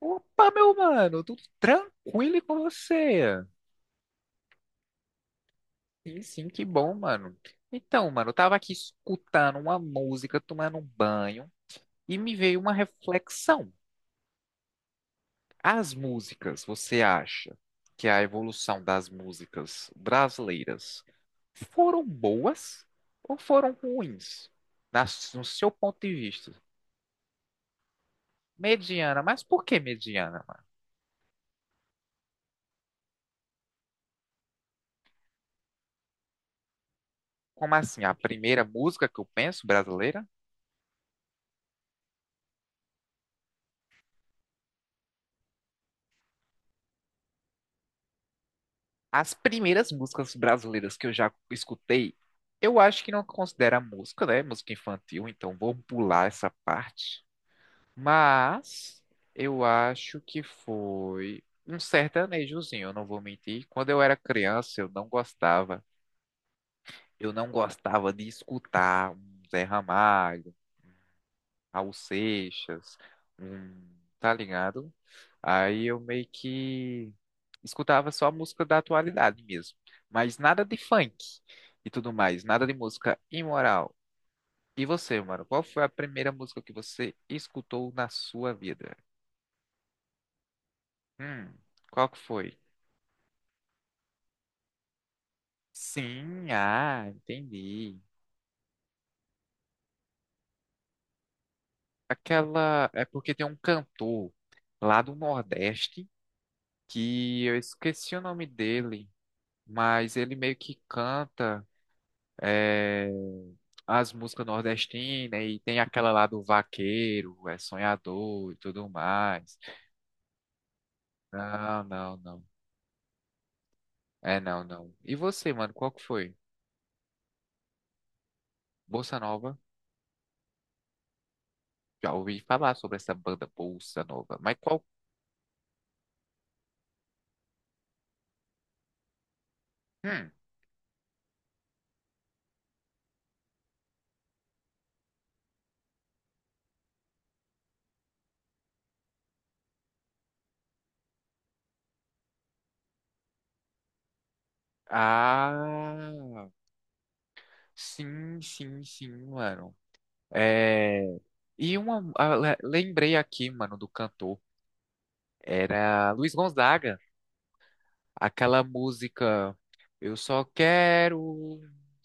Opa, meu mano, tudo tranquilo e com você? Sim, sim, que bom, mano. Então, mano, eu tava aqui escutando uma música, tomando um banho, e me veio uma reflexão. As músicas, você acha que a evolução das músicas brasileiras foram boas ou foram ruins? Na, no seu ponto de vista. Mediana, mas por que mediana, mano? Como assim? A primeira música que eu penso brasileira? As primeiras músicas brasileiras que eu já escutei, eu acho que não considera música, né? Música infantil, então vamos pular essa parte. Mas eu acho que foi um sertanejozinho, eu não vou mentir. Quando eu era criança, eu não gostava. Eu não gostava de escutar um Zé Ramalho, Raul Seixas, um, tá ligado? Aí eu meio que escutava só música da atualidade mesmo, mas nada de funk e tudo mais, nada de música imoral. E você, mano, qual foi a primeira música que você escutou na sua vida? Hum, qual que foi? Sim, ah, entendi. Aquela é porque tem um cantor lá do Nordeste que eu esqueci o nome dele, mas ele meio que canta é, as músicas nordestinas e tem aquela lá do vaqueiro, é sonhador e tudo mais. Não, não, não. É, não, não. E você, mano, qual que foi? Bossa Nova? Já ouvi falar sobre essa banda Bossa Nova, mas qual? Hum. Ah, sim, sim, sim, mano. É... E lembrei aqui, mano, do cantor. Era Luiz Gonzaga. Aquela música Eu só quero.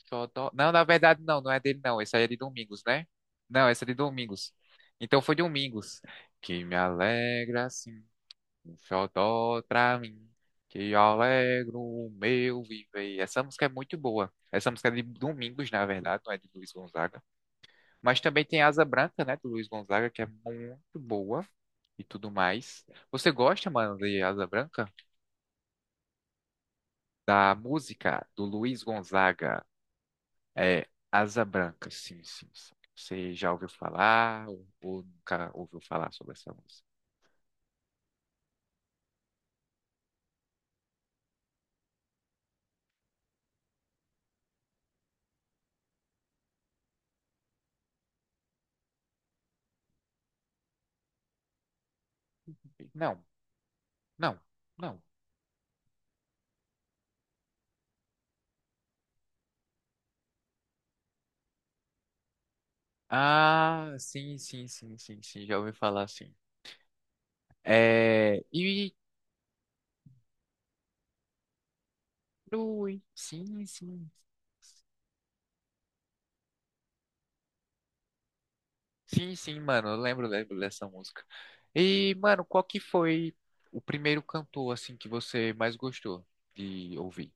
Só Não, na verdade, não, não é dele, não. Essa aí é de Domingos, né? Não, essa é de Domingos. Então foi Domingos. Que me alegra assim, um xodó pra mim. Que alegro o meu viver. Essa música é muito boa. Essa música é de Domingos, na verdade, não é de Luiz Gonzaga. Mas também tem Asa Branca, né, do Luiz Gonzaga, que é muito boa e tudo mais. Você gosta, mano, de Asa Branca, da música do Luiz Gonzaga? É Asa Branca. Sim, sim, sim. Você já ouviu falar ou nunca ouviu falar sobre essa música? Não, não, não. Ah, sim, sim, sim, sim, sim, já ouvi falar, sim. É, e, ui, sim, sim, sim, sim, mano, eu lembro, dessa música. E, mano, qual que foi o primeiro cantor, assim, que você mais gostou de ouvir?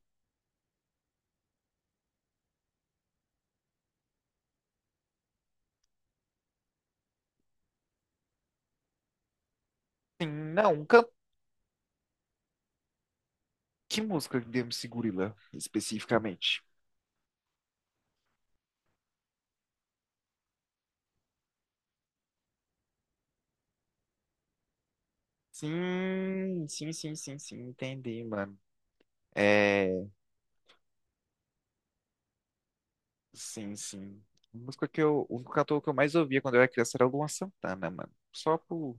Sim, não, que música de MC Gorilla, especificamente? Sim, sim, sim, sim, sim, entendi, mano. É, sim, sim. A música que eu, O único cantor que eu mais ouvia quando eu era criança era o Luan Santana, mano. Só por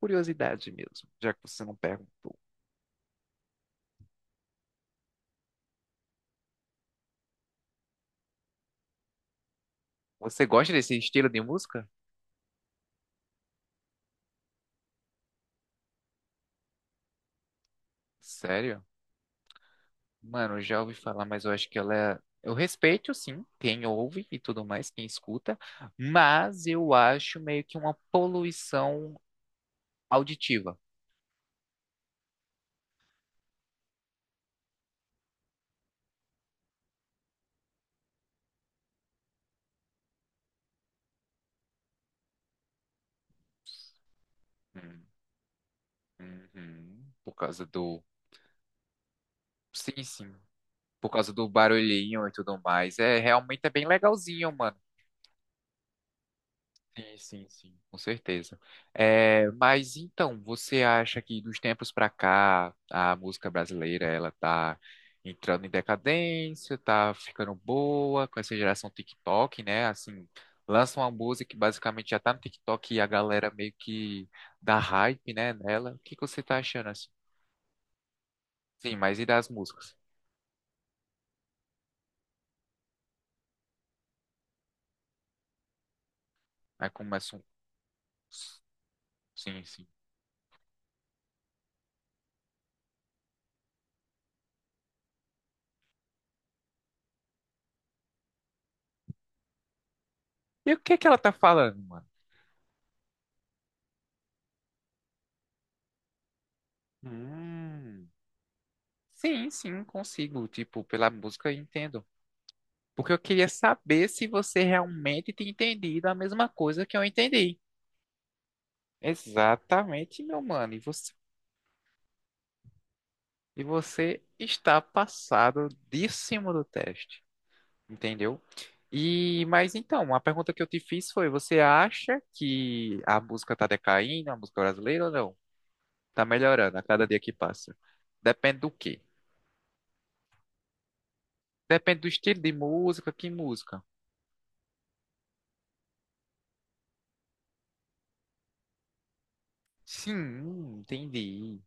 curiosidade mesmo, já que você não perguntou. Você gosta desse estilo de música? Sério? Mano, eu já ouvi falar, mas eu acho que eu respeito, sim, quem ouve e tudo mais, quem escuta, mas eu acho meio que uma poluição auditiva. Hum. Uhum. Por causa do. Sim, sim. Por causa do barulhinho e tudo mais. É, realmente é bem legalzinho, mano. Sim, sim, sim. Com certeza. É, mas então, você acha que dos tempos pra cá, a música brasileira, ela tá entrando em decadência, tá ficando boa com essa geração TikTok, né? Assim, lança uma música que basicamente já tá no TikTok e a galera meio que dá hype, né, nela. O que que você tá achando assim? Sim, mas e das músicas? Aí começa. Sim, sim. E o que é que ela tá falando, mano? Hum. Sim, sim, consigo. Tipo, pela música eu entendo. Porque eu queria saber se você realmente tinha entendido a mesma coisa que eu entendi. Exatamente, meu mano. E você está passado de cima do teste, entendeu? E, mas então, a pergunta que eu te fiz foi: você acha que a música tá decaindo, a música brasileira ou não? Tá melhorando a cada dia que passa. Depende do quê? Depende do estilo de música, que música? Sim, entendi.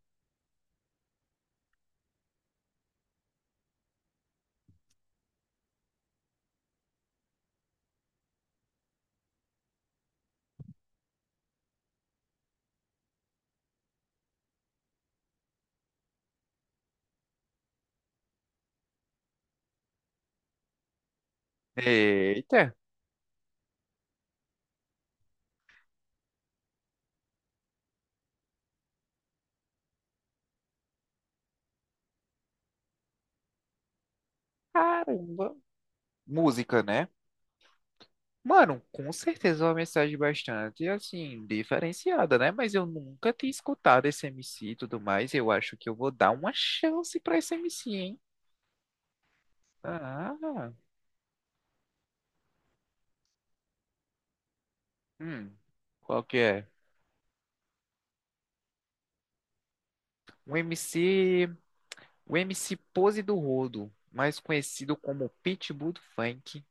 Eita, caramba. Música, né? Mano, com certeza é uma mensagem bastante, assim, diferenciada, né? Mas eu nunca tinha escutado esse MC e tudo mais. Eu acho que eu vou dar uma chance pra esse MC, hein? Ah, hum, qual que é? O MC, o MC Pose do Rodo, mais conhecido como Pitbull do Funk.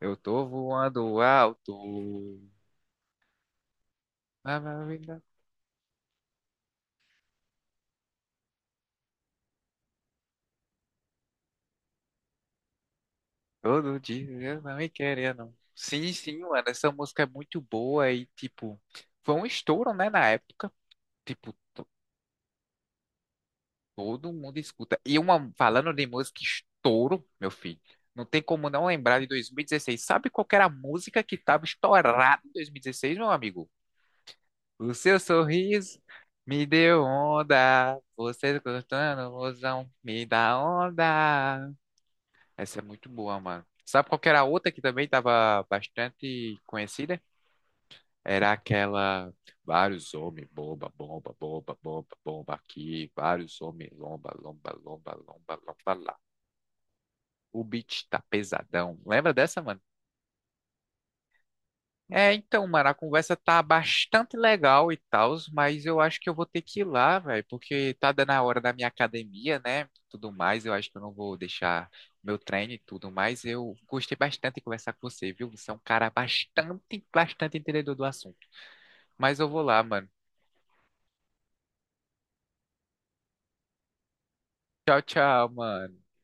Eu tô voando alto. Todo dia eu não me querendo. Sim, sim, mano. Essa música é muito boa e, tipo, foi um estouro, né, na época. Tipo, todo mundo escuta. E uma, falando de música, estouro, meu filho. Não tem como não lembrar de 2016. Sabe qual que era a música que tava estourada em 2016, meu amigo? O seu sorriso me deu onda. Você cantando, mozão, me dá onda. Essa é muito boa, mano. Sabe qual que era a outra que também tava bastante conhecida? Era aquela vários homens, bomba, bomba, bomba, bomba, bomba aqui, vários homens, lomba, lomba, lomba, lomba, lomba lá. O beat tá pesadão. Lembra dessa, mano? É, então, mano, a conversa tá bastante legal e tal, mas eu acho que eu vou ter que ir lá, velho, porque tá dando a hora da minha academia, né? Tudo mais, eu acho que eu não vou deixar meu treino e tudo mais. Eu gostei bastante de conversar com você, viu? Você é um cara bastante, bastante entendedor do assunto. Mas eu vou lá, mano. Tchau, tchau, mano.